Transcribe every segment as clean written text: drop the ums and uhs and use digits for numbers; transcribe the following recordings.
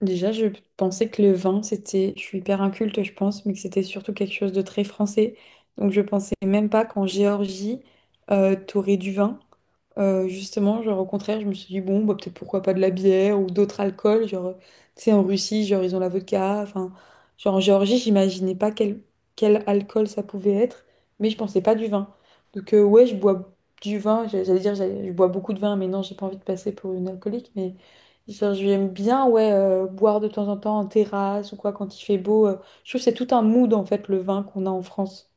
Déjà, je pensais que le vin, c'était, je suis hyper inculte, je pense, mais que c'était surtout quelque chose de très français. Donc, je pensais même pas qu'en Géorgie, t'aurais du vin. Justement, genre au contraire, je me suis dit, bon, bah, peut-être pourquoi pas de la bière ou d'autres alcools, genre, tu sais, en Russie, genre, ils ont la vodka, enfin, genre, en Géorgie, j'imaginais pas quel alcool ça pouvait être, mais je pensais pas du vin. Donc, ouais, je bois du vin, je bois beaucoup de vin, mais non, j'ai pas envie de passer pour une alcoolique, mais genre, j'aime bien, ouais, boire de temps en temps en terrasse ou quoi, quand il fait beau. Je trouve que c'est tout un mood, en fait, le vin qu'on a en France.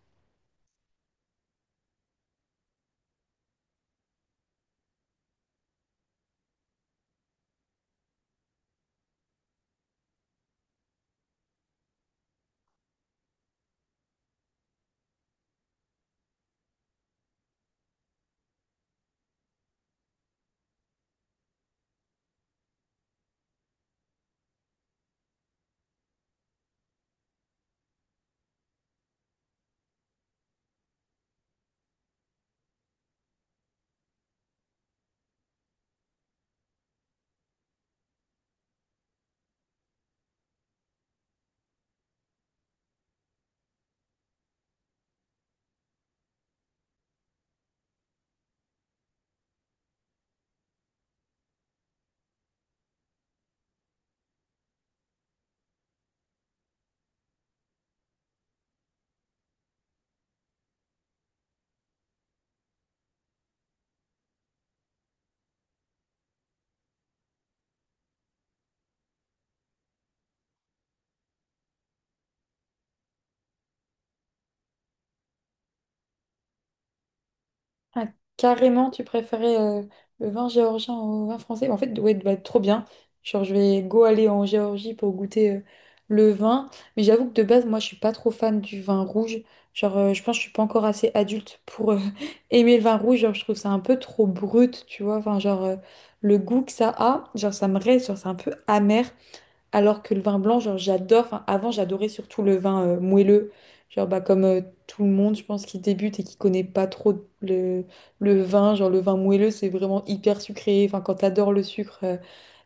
Ah, carrément, tu préférais le vin géorgien au vin français? En fait, ouais, bah, trop bien. Genre, je vais go aller en Géorgie pour goûter le vin. Mais j'avoue que de base, moi, je suis pas trop fan du vin rouge. Genre, je pense que je suis pas encore assez adulte pour aimer le vin rouge. Genre, je trouve ça un peu trop brut, tu vois. Enfin, genre, le goût que ça a, genre, ça me reste, genre, c'est un peu amer. Alors que le vin blanc, genre, j'adore. Enfin, avant, j'adorais surtout le vin moelleux. Genre, bah, comme tout le monde, je pense, qui débute et qui connaît pas trop le, le vin. Genre, le vin moelleux, c'est vraiment hyper sucré. Enfin, quand t'adores le sucre,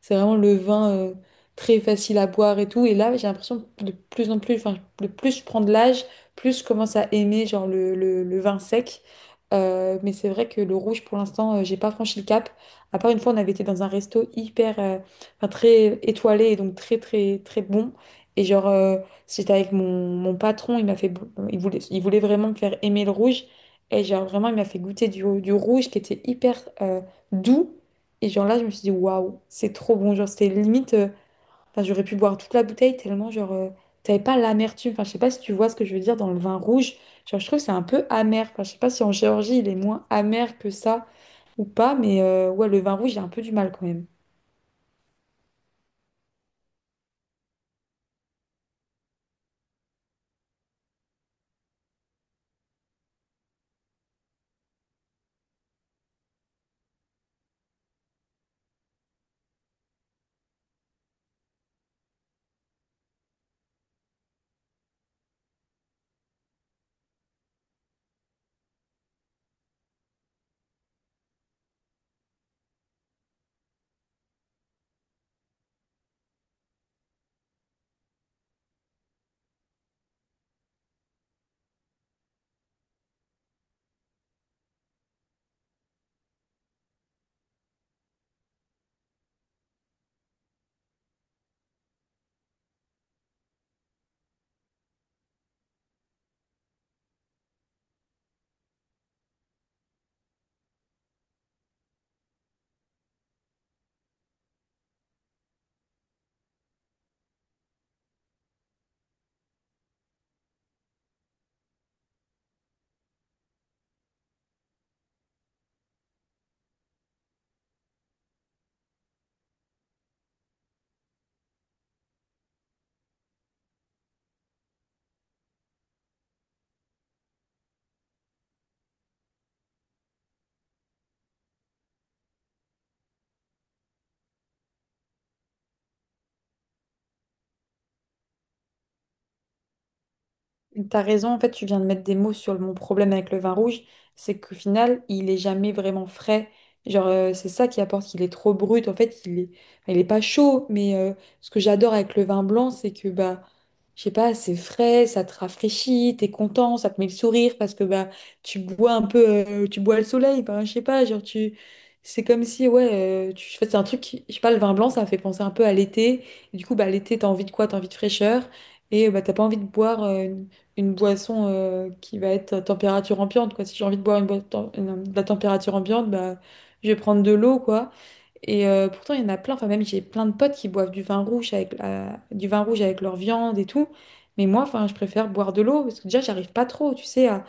c'est vraiment le vin très facile à boire et tout. Et là, j'ai l'impression que de plus en plus, enfin, le plus je prends de l'âge, plus je commence à aimer, genre, le vin sec. Mais c'est vrai que le rouge, pour l'instant, j'ai pas franchi le cap. À part une fois, on avait été dans un resto hyper. Enfin, très étoilé et donc très très très bon. Et genre, j'étais avec mon patron, il m'a fait, il voulait vraiment me faire aimer le rouge. Et genre, vraiment, il m'a fait goûter du rouge qui était hyper doux. Et genre là, je me suis dit, waouh, c'est trop bon. Genre, c'était limite, enfin, j'aurais pu boire toute la bouteille tellement, genre, t'avais pas l'amertume. Enfin, je sais pas si tu vois ce que je veux dire dans le vin rouge. Genre, je trouve que c'est un peu amer. Enfin, je sais pas si en Géorgie, il est moins amer que ça ou pas, mais ouais, le vin rouge, j'ai un peu du mal quand même. T'as raison, en fait, tu viens de mettre des mots sur mon problème avec le vin rouge, c'est qu'au final, il est jamais vraiment frais. Genre, c'est ça qui apporte qu'il est trop brut. En fait, il est pas chaud, mais ce que j'adore avec le vin blanc, c'est que, bah, je sais pas, c'est frais, ça te rafraîchit, t'es content, ça te met le sourire parce que, bah, tu bois un peu, tu bois le soleil, bah, je sais pas, genre, tu. C'est comme si, ouais, tu... en fait, c'est un truc, je sais pas, le vin blanc, ça fait penser un peu à l'été. Du coup, bah, l'été, t'as envie de quoi? T'as envie de fraîcheur. Et bah, t'as pas envie de boire. Une boisson qui va être à température ambiante, quoi. Si j'ai envie de boire une boisson de la température ambiante, bah, je vais prendre de l'eau, quoi. Et pourtant, il y en a plein. Enfin, même j'ai plein de potes qui boivent du vin rouge avec du vin rouge avec leur viande et tout. Mais moi, enfin, je préfère boire de l'eau parce que déjà, j'arrive pas trop, tu sais, à,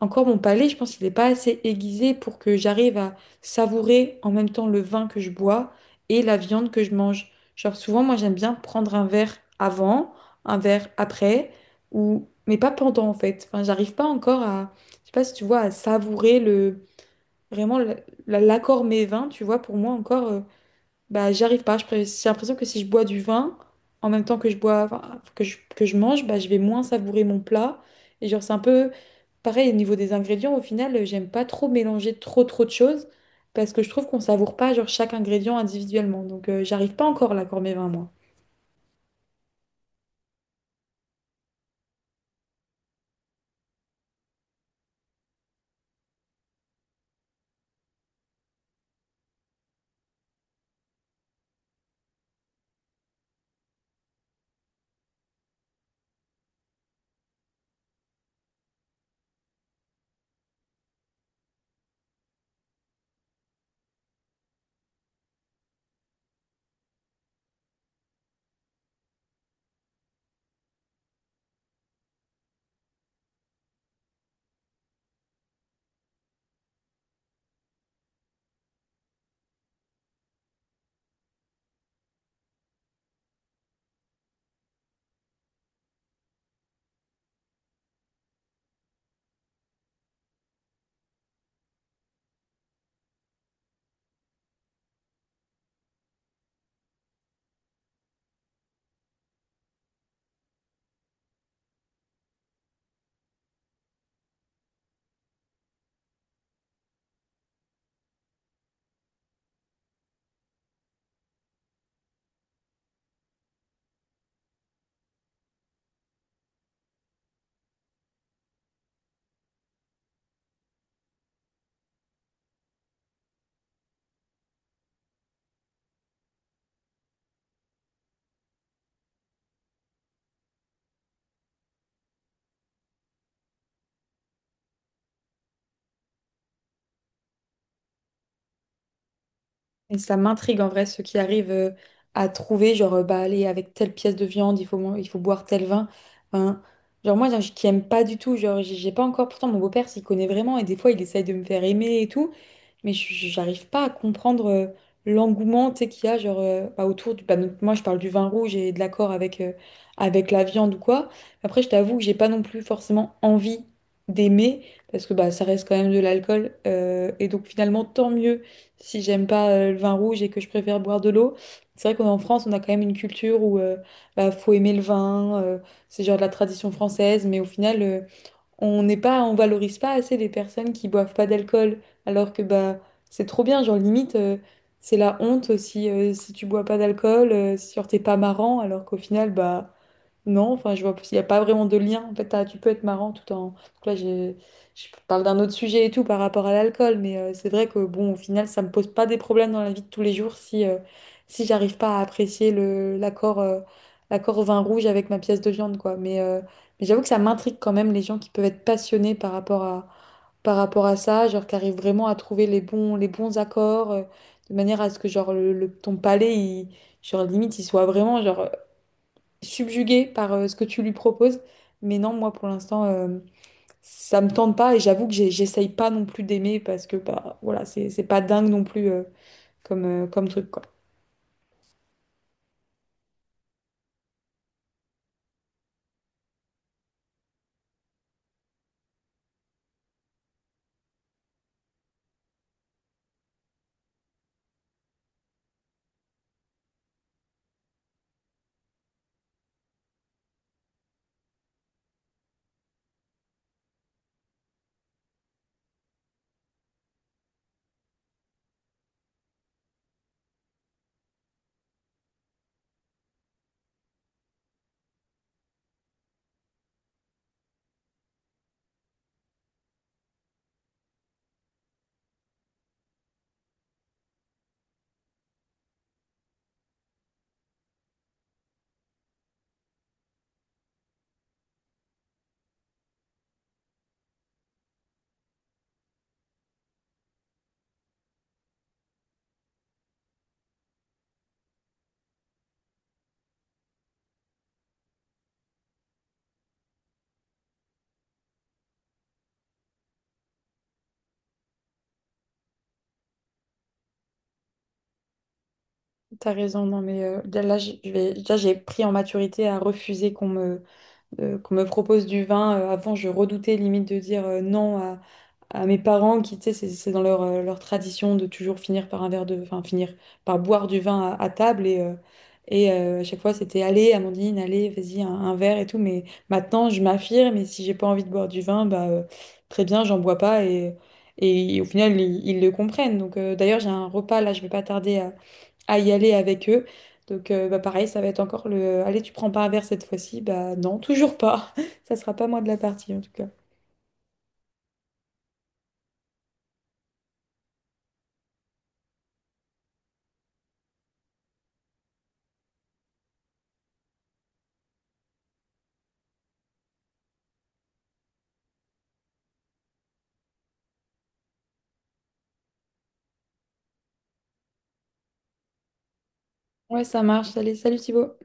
encore mon palais, je pense qu'il n'est pas assez aiguisé pour que j'arrive à savourer en même temps le vin que je bois et la viande que je mange. Genre souvent, moi j'aime bien prendre un verre avant, un verre après, ou mais pas pendant en fait. Enfin, j'arrive pas encore à, je sais pas si tu vois, à savourer le vraiment l'accord mes vins. Tu vois, pour moi encore, bah, j'y arrive pas. J'ai l'impression que si je bois du vin, en même temps que je bois, enfin, que je mange, bah, je vais moins savourer mon plat. Et genre, c'est un peu pareil au niveau des ingrédients. Au final, j'aime pas trop mélanger trop de choses parce que je trouve qu'on savoure pas genre chaque ingrédient individuellement. Donc, j'arrive pas encore là pour mes vins, moi. Et ça m'intrigue en vrai, ceux qui arrivent à trouver, genre, bah, allez, avec telle pièce de viande, il faut boire tel vin. Enfin, genre moi, qui aime pas du tout, genre j'ai pas encore, pourtant mon beau-père s'y connaît vraiment et des fois il essaye de me faire aimer et tout, mais j'arrive pas à comprendre l'engouement tu sais, qu'il y a genre, bah, autour du... bah, donc, moi, je parle du vin rouge et de l'accord avec, avec la viande ou quoi. Après, je t'avoue que j'ai pas non plus forcément envie d'aimer, parce que bah, ça reste quand même de l'alcool. Et donc, finalement, tant mieux si j'aime pas le vin rouge et que je préfère boire de l'eau. C'est vrai qu'en France, on a quand même une culture où bah, faut aimer le vin, c'est genre de la tradition française, mais au final... on n'est pas, on valorise pas assez les personnes qui boivent pas d'alcool, alors que bah c'est trop bien, genre limite c'est la honte si si tu bois pas d'alcool, si genre t'es pas marrant, alors qu'au final bah non, enfin, je vois, il n'y a pas vraiment de lien. En fait, tu peux être marrant tout en. Donc là, je parle d'un autre sujet et tout par rapport à l'alcool, mais c'est vrai que, bon, au final, ça me pose pas des problèmes dans la vie de tous les jours si, si j'arrive pas à apprécier l'accord, l'accord au vin rouge avec ma pièce de viande, quoi. Mais j'avoue que ça m'intrigue quand même les gens qui peuvent être passionnés par rapport à ça, genre qui arrivent vraiment à trouver les bons accords, de manière à ce que, genre, ton palais, il, genre, limite, il soit vraiment, genre subjuguée par ce que tu lui proposes. Mais non, moi pour l'instant, ça me tente pas et j'avoue que j'essaye pas non plus d'aimer parce que bah voilà, c'est pas dingue non plus comme, comme truc quoi. T'as raison, non mais là je vais là j'ai pris en maturité à refuser qu'on me propose du vin. Avant, je redoutais limite de dire non à, à mes parents qui, tu sais, c'est dans leur, leur tradition de toujours finir par un verre de, enfin, finir par boire du vin à table. À chaque fois, c'était allez, Amandine, allez, vas-y, un verre et tout. Mais maintenant, je m'affirme et si j'ai pas envie de boire du vin, bah, très bien, j'en bois pas. Et au final, ils le comprennent. Donc, d'ailleurs, j'ai un repas là, je vais pas tarder à y aller avec eux. Donc bah, pareil, ça va être encore le allez, tu prends pas un verre cette fois-ci. Bah non, toujours pas. Ça sera pas moi de la partie en tout cas. Ouais, ça marche. Allez, salut Thibaut.